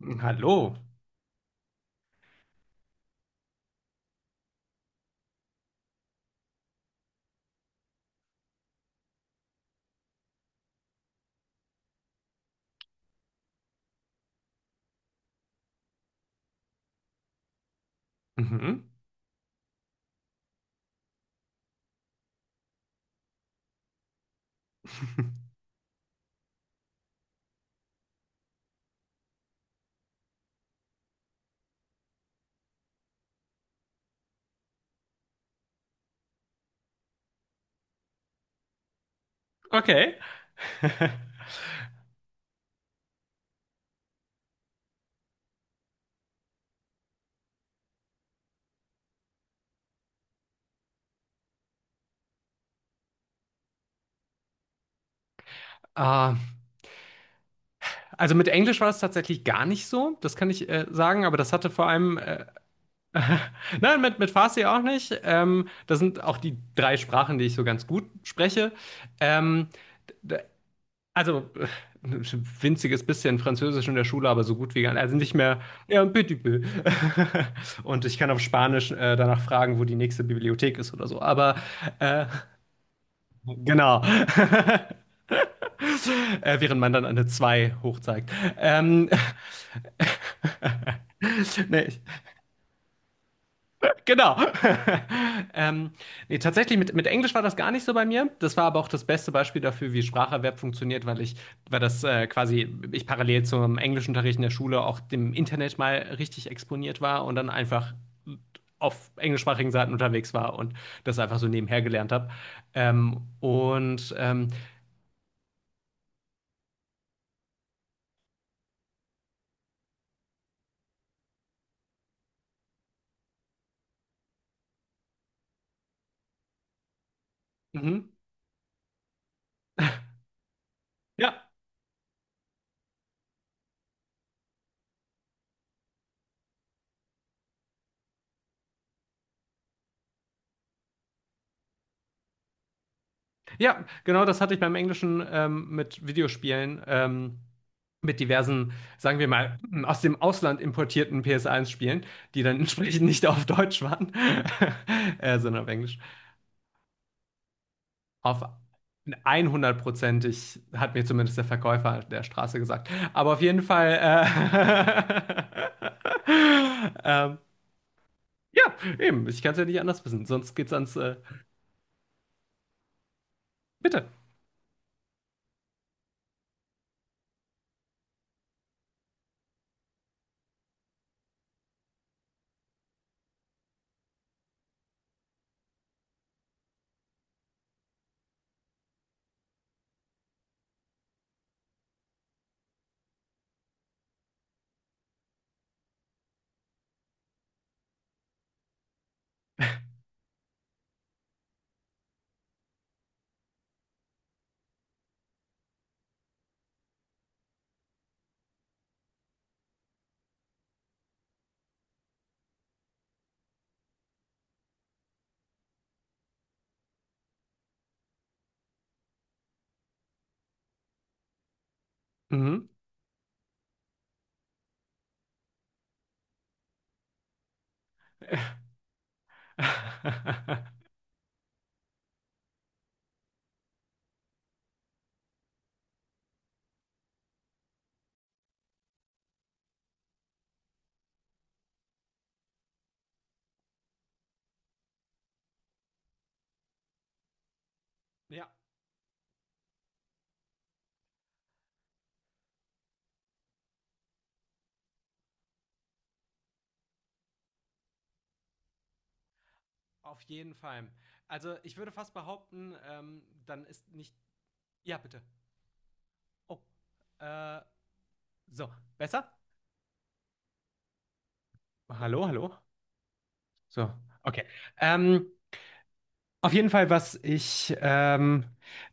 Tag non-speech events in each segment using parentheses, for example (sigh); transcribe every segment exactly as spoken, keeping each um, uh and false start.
Mhm. Hallo. Mhm. (laughs) Okay. (laughs) Ah, also mit Englisch war es tatsächlich gar nicht so, das kann ich äh, sagen, aber das hatte vor allem, äh, (laughs) nein, mit, mit Farsi auch nicht. Ähm, das sind auch die drei Sprachen, die ich so ganz gut spreche. Ähm, d- also (laughs) äh, ein winziges bisschen Französisch in der Schule, aber so gut wie gar nicht. Also nicht mehr, ja, un petit peu. (laughs) Und ich kann auf Spanisch äh, danach fragen, wo die nächste Bibliothek ist oder so. Aber äh, genau. (laughs) (laughs) äh, während man dann eine Zwei hochzeigt. Ähm, (laughs) nee, ich, genau. (laughs) ähm, nee, tatsächlich, mit, mit Englisch war das gar nicht so bei mir. Das war aber auch das beste Beispiel dafür, wie Spracherwerb funktioniert, weil ich, weil das äh, quasi, ich parallel zum Englischunterricht in der Schule auch dem Internet mal richtig exponiert war und dann einfach auf englischsprachigen Seiten unterwegs war und das einfach so nebenher gelernt habe. Ähm, und ähm, mhm. Ja, ja, genau das hatte ich beim Englischen ähm, mit Videospielen, ähm, mit diversen, sagen wir mal, aus dem Ausland importierten P S eins Spielen, die dann (laughs) entsprechend nicht auf Deutsch waren, (laughs) äh, sondern auf Englisch. Auf hundert Prozent ig hat mir zumindest der Verkäufer an der Straße gesagt. Aber auf jeden Fall, äh, (laughs) ähm, ja, eben, ich kann es ja nicht anders wissen, sonst geht's ans, äh, bitte. Mhm. (laughs) Ja. Auf jeden Fall. Also ich würde fast behaupten, ähm, dann ist nicht. Ja, bitte. Oh. Äh, so, besser? Hallo, hallo. So, okay. Ähm, auf jeden Fall, was ich ähm,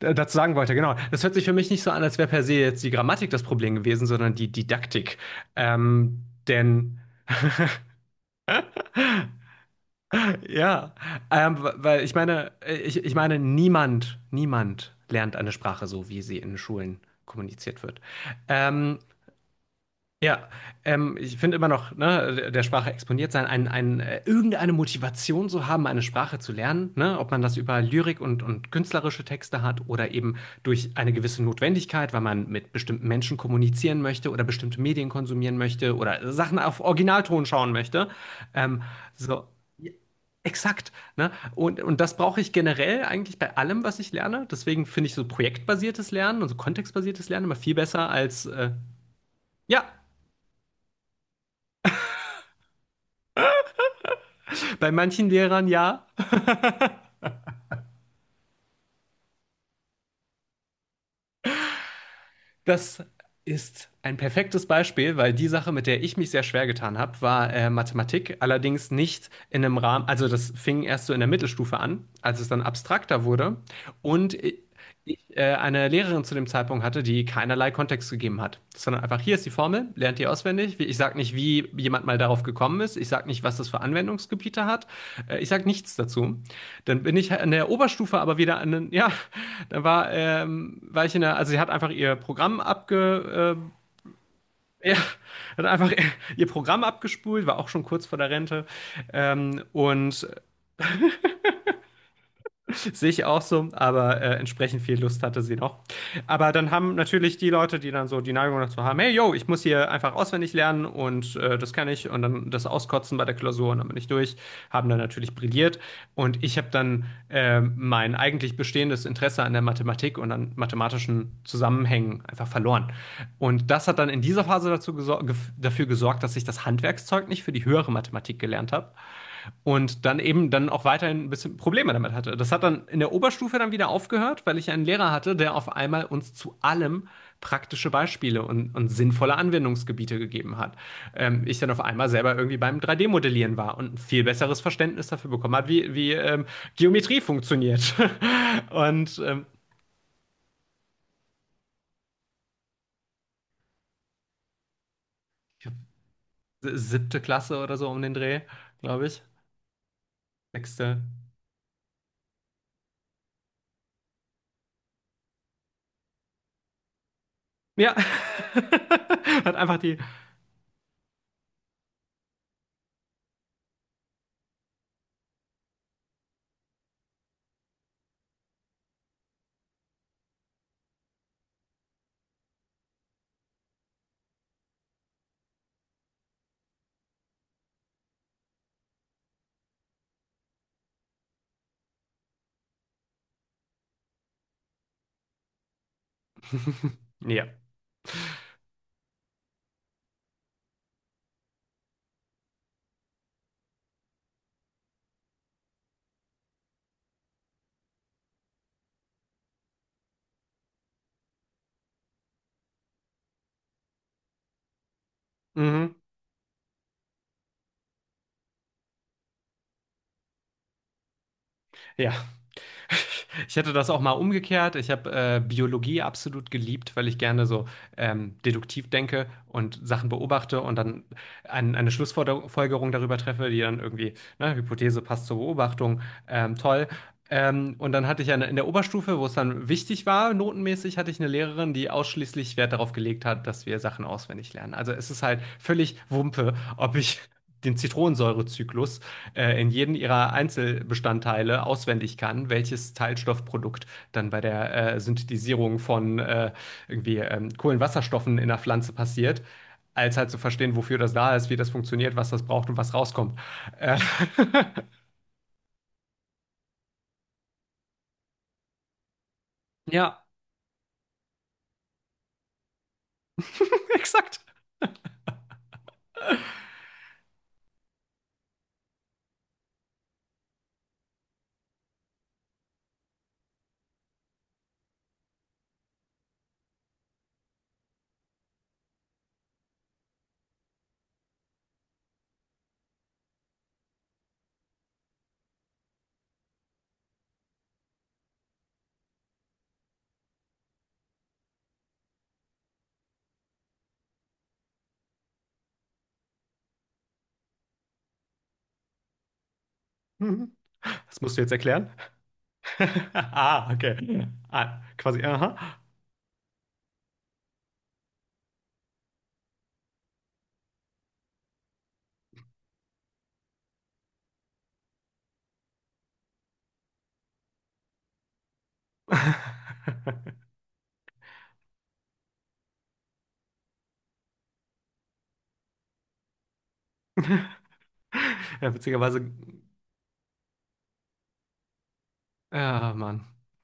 d- dazu sagen wollte, genau. Das hört sich für mich nicht so an, als wäre per se jetzt die Grammatik das Problem gewesen, sondern die Didaktik. Ähm, denn (laughs) ja, ähm, weil ich meine, äh, ich, ich meine, niemand, niemand lernt eine Sprache so, wie sie in Schulen kommuniziert wird. Ähm, Ja, ähm, ich finde immer noch, ne, der der Sprache exponiert sein, ein, ein, äh, irgendeine Motivation zu haben, eine Sprache zu lernen, ne, ob man das über Lyrik und, und künstlerische Texte hat oder eben durch eine gewisse Notwendigkeit, weil man mit bestimmten Menschen kommunizieren möchte oder bestimmte Medien konsumieren möchte oder Sachen auf Originalton schauen möchte. Ähm, so, ja, exakt, ne? Und, und das brauche ich generell eigentlich bei allem, was ich lerne. Deswegen finde ich so projektbasiertes Lernen und so kontextbasiertes Lernen immer viel besser als, äh, ja, bei manchen Lehrern ja. Das ist ein perfektes Beispiel, weil die Sache, mit der ich mich sehr schwer getan habe, war äh, Mathematik. Allerdings nicht in einem Rahmen, also das fing erst so in der Mittelstufe an, als es dann abstrakter wurde. Und ich, ich äh, eine Lehrerin zu dem Zeitpunkt hatte, die keinerlei Kontext gegeben hat, sondern einfach hier ist die Formel, lernt die auswendig. Ich sage nicht, wie jemand mal darauf gekommen ist. Ich sage nicht, was das für Anwendungsgebiete hat. Äh, Ich sage nichts dazu. Dann bin ich in der Oberstufe aber wieder an den, ja, dann war, ähm, war ich in der, also sie hat einfach ihr Programm abge, äh, ja, hat einfach (laughs) ihr Programm abgespult, war auch schon kurz vor der Rente, ähm, und (laughs) Sehe ich auch so, aber äh, entsprechend viel Lust hatte sie noch. Aber dann haben natürlich die Leute, die dann so die Neigung dazu haben, hey, yo, ich muss hier einfach auswendig lernen und äh, das kann ich und dann das auskotzen bei der Klausur und dann bin ich durch, haben dann natürlich brilliert und ich habe dann äh, mein eigentlich bestehendes Interesse an der Mathematik und an mathematischen Zusammenhängen einfach verloren. Und das hat dann in dieser Phase dazu gesor- gef- dafür gesorgt, dass ich das Handwerkszeug nicht für die höhere Mathematik gelernt habe. Und dann eben dann auch weiterhin ein bisschen Probleme damit hatte. Das hat dann in der Oberstufe dann wieder aufgehört, weil ich einen Lehrer hatte, der auf einmal uns zu allem praktische Beispiele und, und sinnvolle Anwendungsgebiete gegeben hat. Ähm, ich dann auf einmal selber irgendwie beim drei D-Modellieren war und ein viel besseres Verständnis dafür bekommen hat, wie, wie ähm, Geometrie funktioniert. (laughs) Und ähm, siebte Klasse oder so um den Dreh, glaube ich. Sechste. Ja. (laughs) Hat einfach die. (laughs) Ja. Mhm. Ja. (laughs) Ich hätte das auch mal umgekehrt. Ich habe äh, Biologie absolut geliebt, weil ich gerne so ähm, deduktiv denke und Sachen beobachte und dann ein, eine Schlussfolgerung darüber treffe, die dann irgendwie, ne, Hypothese passt zur Beobachtung, ähm, toll. Ähm, und dann hatte ich eine, in der Oberstufe, wo es dann wichtig war, notenmäßig, hatte ich eine Lehrerin, die ausschließlich Wert darauf gelegt hat, dass wir Sachen auswendig lernen. Also es ist halt völlig Wumpe, ob ich den Zitronensäurezyklus äh, in jedem ihrer Einzelbestandteile auswendig kann, welches Teilstoffprodukt dann bei der äh, Synthetisierung von äh, irgendwie ähm, Kohlenwasserstoffen in der Pflanze passiert, als halt zu verstehen, wofür das da ist, wie das funktioniert, was das braucht und was rauskommt. Äh, (laughs) ja, exakt. Mhm. Das musst du jetzt erklären. (laughs) Ah, okay. Ah, quasi, aha. (laughs) Ja, witzigerweise, ah, Mann.